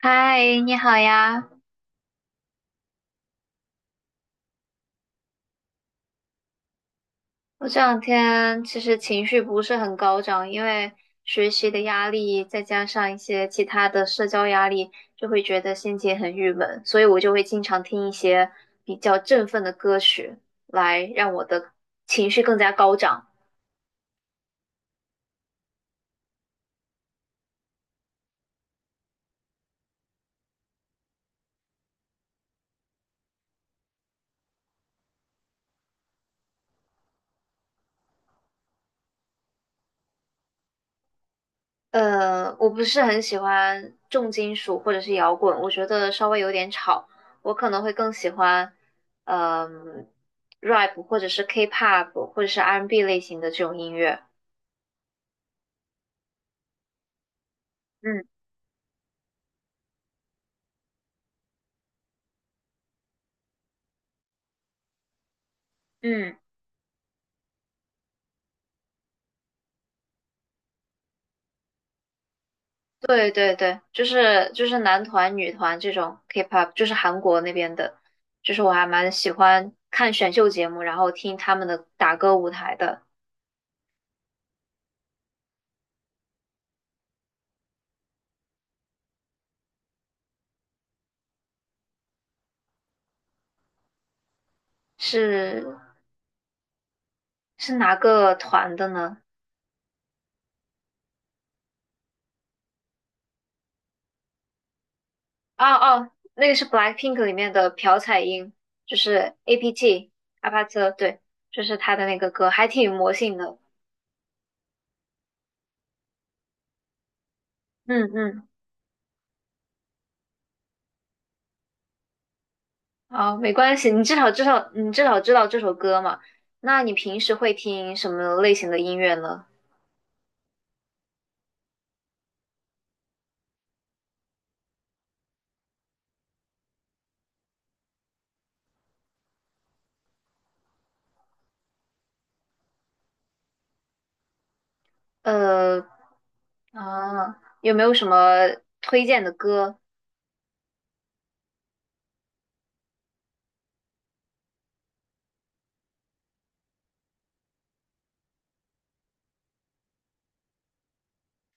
嗨，你好呀！我这两天其实情绪不是很高涨，因为学习的压力，再加上一些其他的社交压力，就会觉得心情很郁闷，所以我就会经常听一些比较振奋的歌曲，来让我的情绪更加高涨。我不是很喜欢重金属或者是摇滚，我觉得稍微有点吵，我可能会更喜欢，呃嗯、rap 或者是 K-pop 或者是 R&B 类型的这种音乐。嗯嗯，对对对，就是男团、女团这种 K-pop，就是韩国那边的，就是我还蛮喜欢看选秀节目，然后听他们的打歌舞台的。是是哪个团的呢？哦哦，那个是 BLACKPINK 里面的朴彩英，就是 APT 阿帕特，对，就是他的那个歌，还挺有魔性的。嗯嗯，哦，没关系，你至少知道这首歌嘛。那你平时会听什么类型的音乐呢？呃，啊，有没有什么推荐的歌？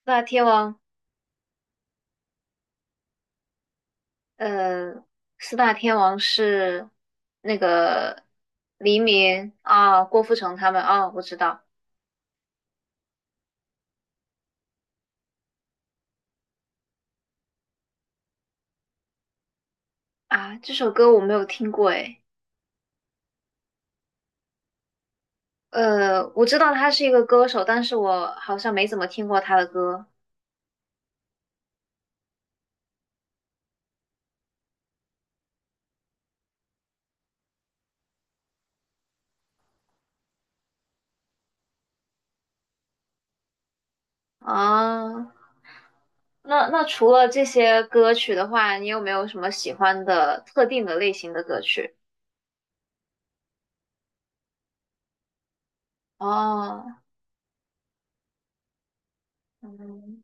四大天王，呃，四大天王是那个黎明啊，郭富城他们啊，我知道啊，这首歌我没有听过诶，我知道他是一个歌手，但是我好像没怎么听过他的歌啊。那除了这些歌曲的话，你有没有什么喜欢的特定的类型的歌曲？哦，嗯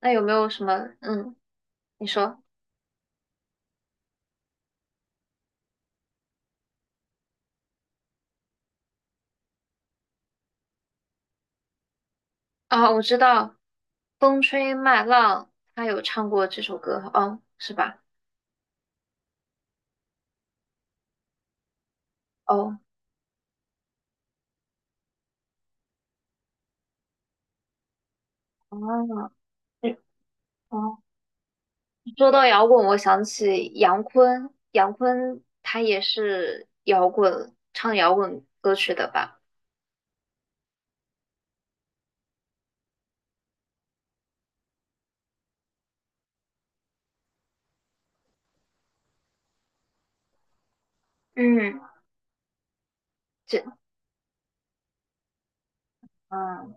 那有没有什么？你说啊，我知道《风吹麦浪》，他有唱过这首歌，哦，是吧？哦，哦，嗯哦，说到摇滚，我想起杨坤，杨坤他也是摇滚，唱摇滚歌曲的吧？嗯，这，嗯，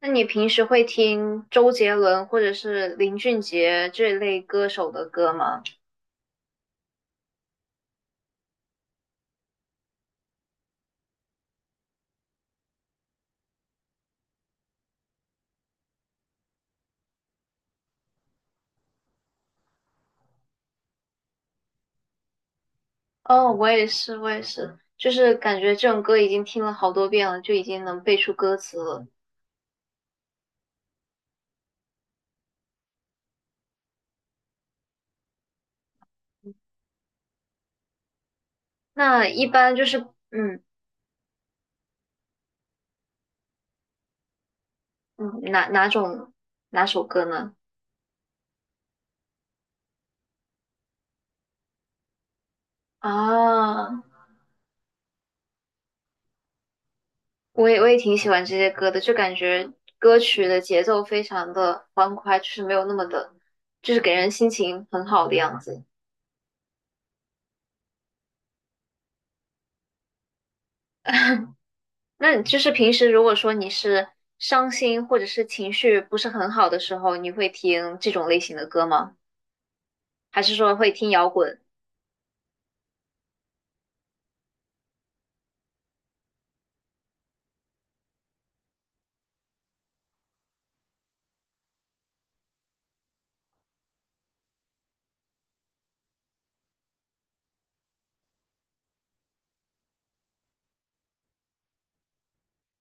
那你平时会听周杰伦或者是林俊杰这类歌手的歌吗？哦，我也是，我也是，就是感觉这种歌已经听了好多遍了，就已经能背出歌词了。那一般就是，嗯嗯，哪种哪首歌呢？啊，我也挺喜欢这些歌的，就感觉歌曲的节奏非常的欢快，就是没有那么的，就是给人心情很好的样子。那你就是平时如果说你是伤心或者是情绪不是很好的时候，你会听这种类型的歌吗？还是说会听摇滚？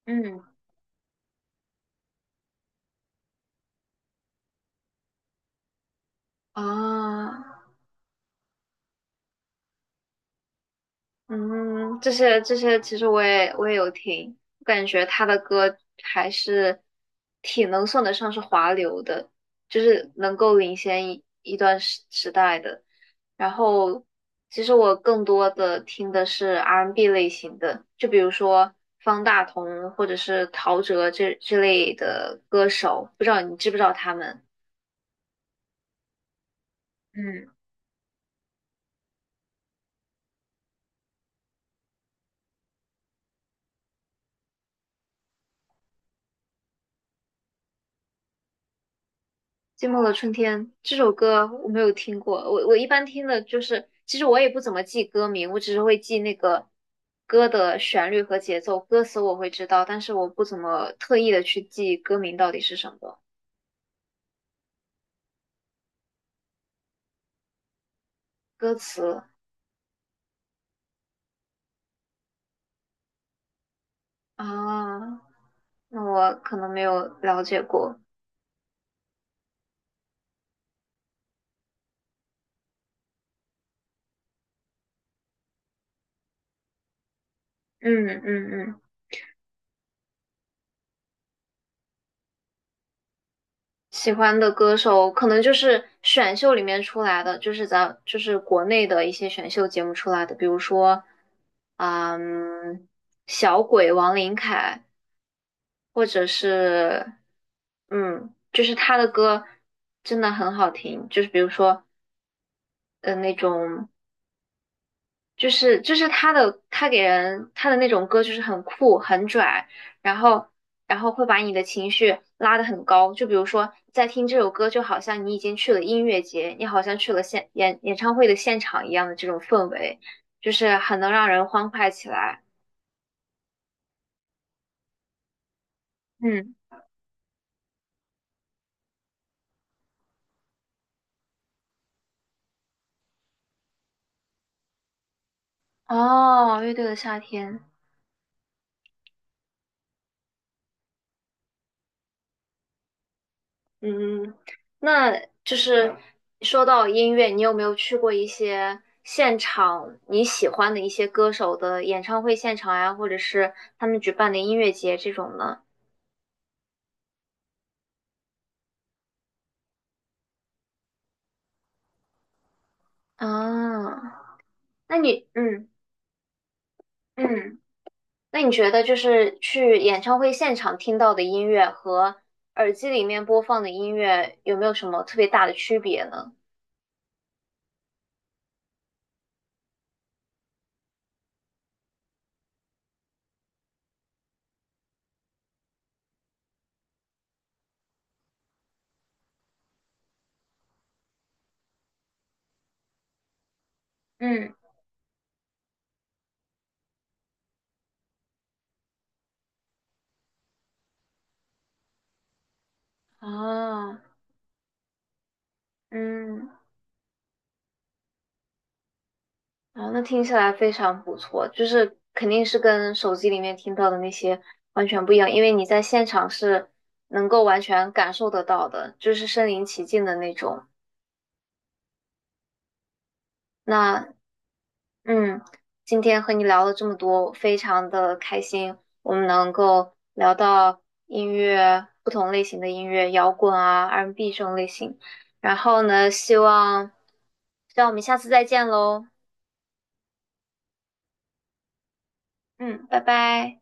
嗯啊。嗯，这些其实我也有听，我感觉他的歌还是挺能算得上是华流的，就是能够领先一段时代的。然后，其实我更多的听的是 R&B 类型的，就比如说方大同或者是陶喆这类的歌手，不知道你知不知道他们？嗯。寂寞的春天这首歌我没有听过，我一般听的就是，其实我也不怎么记歌名，我只是会记那个歌的旋律和节奏，歌词我会知道，但是我不怎么特意的去记歌名到底是什么，歌词啊，那我可能没有了解过，嗯嗯嗯。喜欢的歌手可能就是选秀里面出来的，就是咱就是国内的一些选秀节目出来的，比如说，嗯，小鬼王琳凯，或者是，就是他的歌真的很好听，就是比如说，那种就是他给人的那种歌就是很酷很拽，然后会把你的情绪拉得很高。就比如说，在听这首歌，就好像你已经去了音乐节，你好像去了演唱会的现场一样的这种氛围，就是很能让人欢快起来。嗯，哦，乐队的夏天。嗯，那就是说到音乐，你有没有去过一些现场你喜欢的一些歌手的演唱会现场呀，或者是他们举办的音乐节这种呢？啊，那你，嗯，那你觉得就是去演唱会现场听到的音乐和耳机里面播放的音乐有没有什么特别大的区别呢？嗯，啊，嗯。啊，那听起来非常不错，就是肯定是跟手机里面听到的那些完全不一样，因为你在现场是能够完全感受得到的，就是身临其境的那种。那嗯，今天和你聊了这么多，非常的开心，我们能够聊到音乐，不同类型的音乐，摇滚啊，R&B 这种类型。然后呢，希望我们下次再见喽。嗯，拜拜。